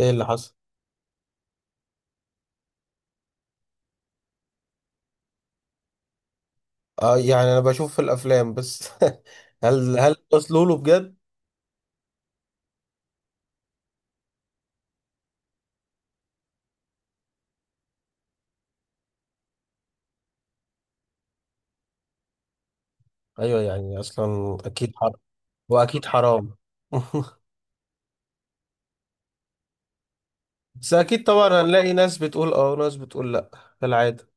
ايه اللي حصل؟ اه، يعني انا بشوف في الافلام بس. هل وصلوا له بجد؟ ايوه، يعني اصلا اكيد حرام. واكيد حرام. بس اكيد طبعا هنلاقي ناس بتقول اه وناس بتقول لا، كالعاده.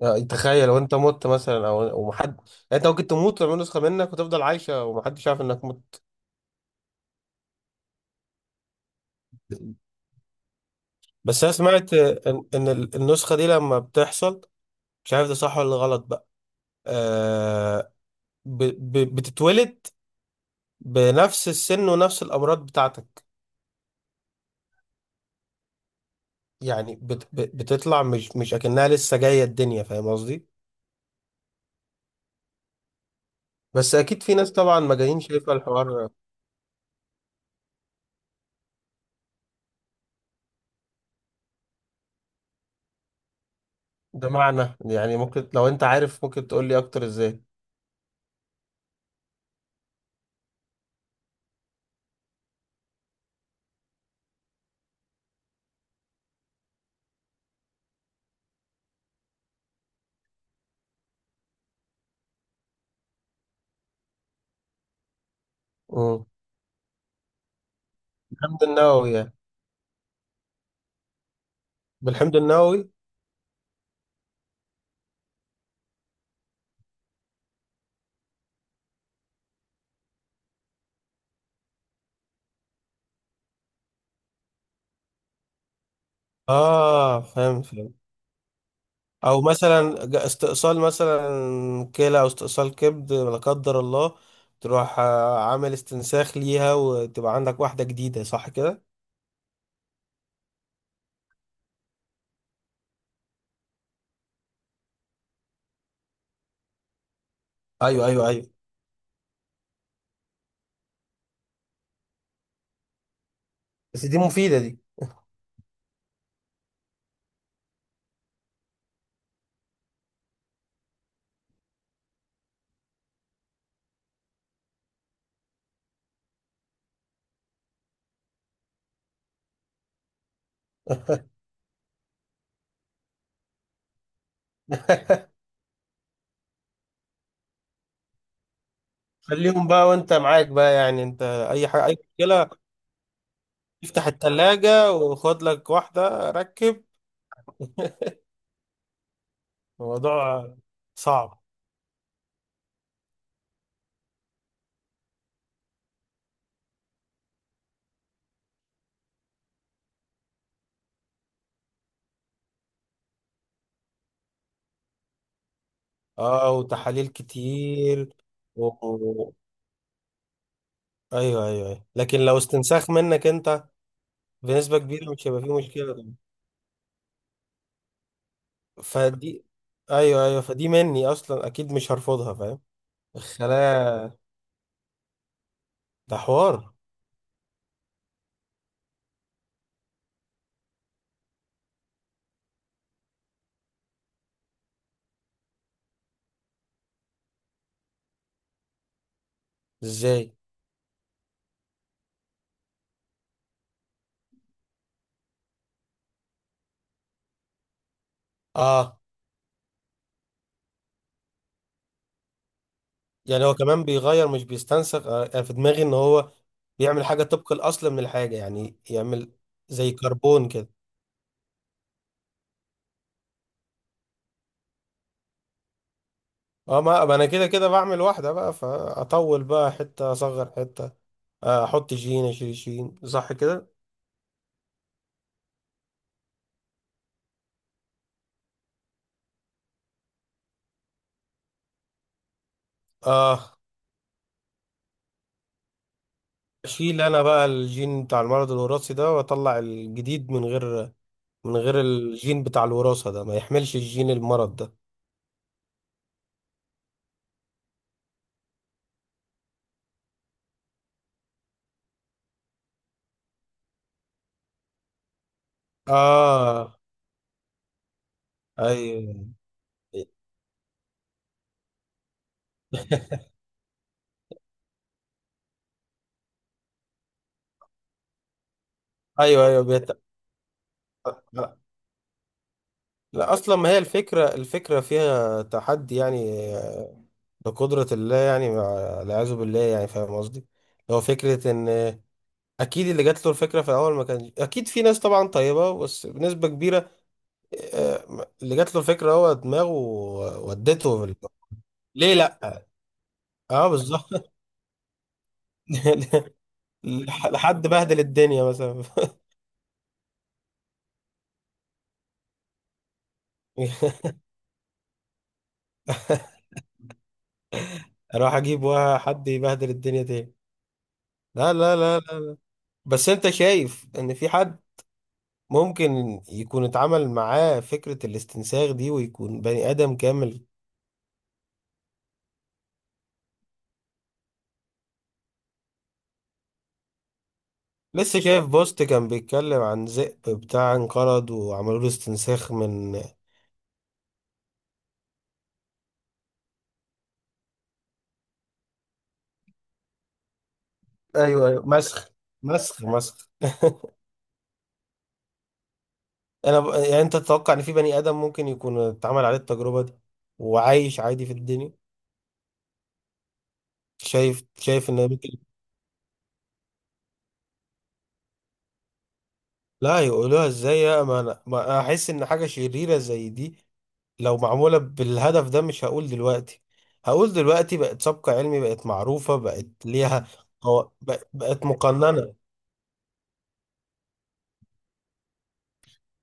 يعني تخيل وانت مت مثلا او ومحد يعني. انت ممكن تموت ويعملوا نسخه منك وتفضل عايشه ومحدش عارف انك مت. بس انا سمعت ان النسخه دي لما بتحصل. مش عارف ده صح ولا غلط بقى. آه. بتتولد بنفس السن ونفس الامراض بتاعتك. يعني بتطلع مش اكنها لسه جايه الدنيا، فاهم قصدي؟ بس اكيد في ناس طبعا مجانين شايفه الحوار ده. معنى يعني ممكن لو انت عارف ممكن تقول لي اكتر ازاي؟ امم. بالحمض النووي يعني. بالحمض النووي. اه، فهمت فهمت. او مثلا استئصال مثلا كلى او استئصال كبد لا قدر الله. تروح عامل استنساخ ليها وتبقى عندك واحده جديده، صح كده؟ ايوه ايوه ايوه، بس دي مفيده دي. خليهم بقى وانت معاك بقى، يعني انت، اي حاجه اي مشكله. افتح التلاجة وخد لك واحده ركب. الموضوع صعب. اه، وتحاليل كتير. و... و- ايوه ايوه ايوه، لكن لو استنساخ منك انت، بنسبه كبيره مش هيبقى فيه مشكله طبعا. فدي. ايوه ايوه، فدي مني اصلا اكيد مش هرفضها، فاهم؟ الخلايا. ده حوار. ازاي؟ اه، يعني هو كمان بيغير مش بيستنسخ. انا في دماغي ان هو بيعمل حاجه طبق الاصل من الحاجه، يعني يعمل زي كربون كده. اه، ما انا كده كده بعمل واحده بقى فاطول بقى حته، اصغر حته. احط جين اشيل جين، صح كده؟ اه، اشيل انا بقى الجين بتاع المرض الوراثي ده واطلع الجديد من غير، من غير الجين بتاع الوراثه ده، ما يحملش الجين المرض ده. اه. ايوه. ايوه ايوه لا، اصلا ما هي الفكره فيها تحدي، يعني لقدره الله، يعني والعياذ بالله، يعني فاهم قصدي. هو فكره ان اكيد اللي جات له الفكره في الاول ما كان اكيد في ناس طبعا طيبه بس بنسبه كبيره اللي جات له الفكره، هو دماغه ودته في ليه لا؟ اه، بالظبط. لحد بهدل الدنيا مثلا. اروح اجيب واحد يبهدل الدنيا تاني. لا لا لا لا. بس انت شايف ان في حد ممكن يكون اتعمل معاه فكرة الاستنساخ دي ويكون بني آدم كامل؟ لسه شايف بوست كان بيتكلم عن ذئب بتاع انقرض وعملوا له استنساخ من. ايوه ايوه، مسخ مسخ مسخ. انا يعني انت تتوقع ان في بني آدم ممكن يكون اتعمل عليه التجربة دي وعايش عادي في الدنيا؟ شايف شايف ان ممكن. لا، يقولوها ازاي يا ما أنا احس ان حاجة شريرة زي دي لو معمولة بالهدف ده، مش هقول دلوقتي، هقول دلوقتي بقت سبق علمي، بقت معروفة، بقت ليها. بقت مقننة.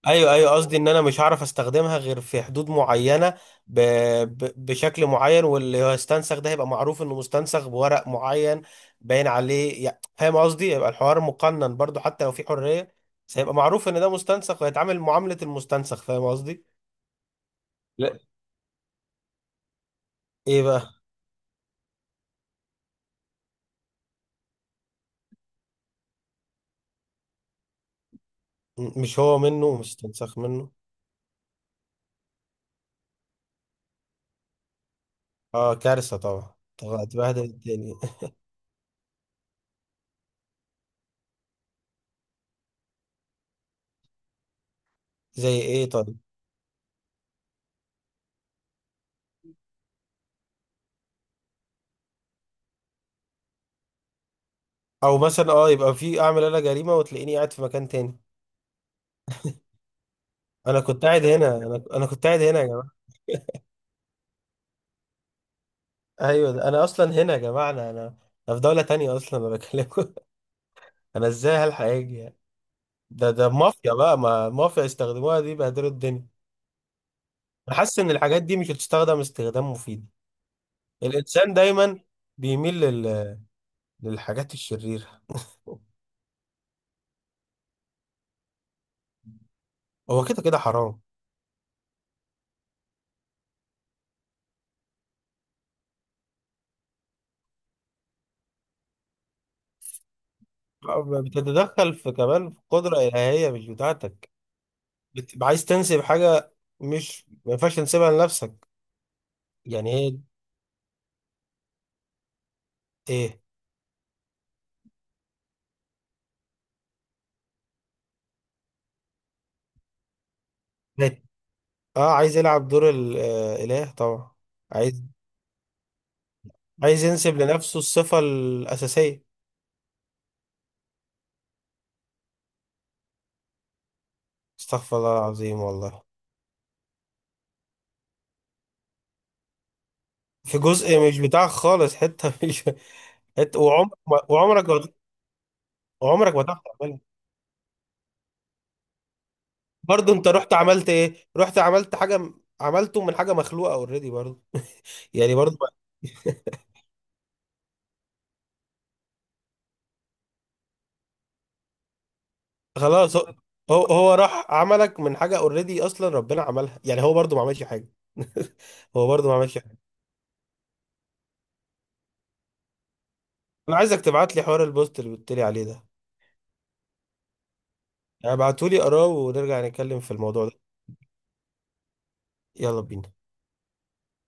ايوه ايوه، قصدي ان انا مش هعرف استخدمها غير في حدود معينة، ب... بشكل معين، واللي هو استنسخ ده هيبقى معروف انه مستنسخ بورق معين، باين عليه، يعني فاهم قصدي؟ هيبقى الحوار مقنن برضو حتى لو في حرية، بس هيبقى معروف ان ده مستنسخ وهيتعامل معاملة المستنسخ، فاهم قصدي؟ لا. ايه بقى؟ مش هو منه، مستنسخ منه. اه، كارثة طبعا، طب هتبهدل الدنيا. زي ايه طيب؟ او مثلا اه، يبقى في، اعمل انا جريمة وتلاقيني قاعد في مكان تاني. انا كنت قاعد هنا، انا كنت قاعد هنا يا جماعة. ايوه، ده انا اصلا هنا يا جماعة، انا. أنا في دولة تانية اصلا، انا بكلمكم. انا ازاي هلحق اجي يعني؟ ده مافيا بقى، ما مافيا يستخدموها دي بهدلوا الدنيا. انا حاسس ان الحاجات دي مش هتستخدم استخدام مفيد. الانسان دايما بيميل للحاجات الشريرة. هو كده كده حرام. بتتدخل في كمان في قدرة إلهية مش بتاعتك. بتبقى عايز تنسب حاجة، مش ما ينفعش تنسبها لنفسك، يعني هي. ايه؟ مات. اه، عايز يلعب دور الإله طبعا. عايز، عايز ينسب لنفسه الصفة الأساسية. استغفر الله العظيم والله. في جزء مش بتاعك خالص، حتة مش حتة، وعمرك ما تعرف تعملها. برضه انت رحت عملت ايه، رحت عملت حاجة عملته من حاجة مخلوقة اوريدي، برضه، يعني برضه. خلاص هو، هو راح عملك من حاجه اوريدي اصلا ربنا عملها، يعني هو برضو ما عملش حاجه. هو برضو ما عملش حاجه. انا عايزك تبعت لي حوار البوست اللي قلت لي عليه ده، يعني ابعته لي اقراه ونرجع نتكلم في الموضوع ده. يلا بينا.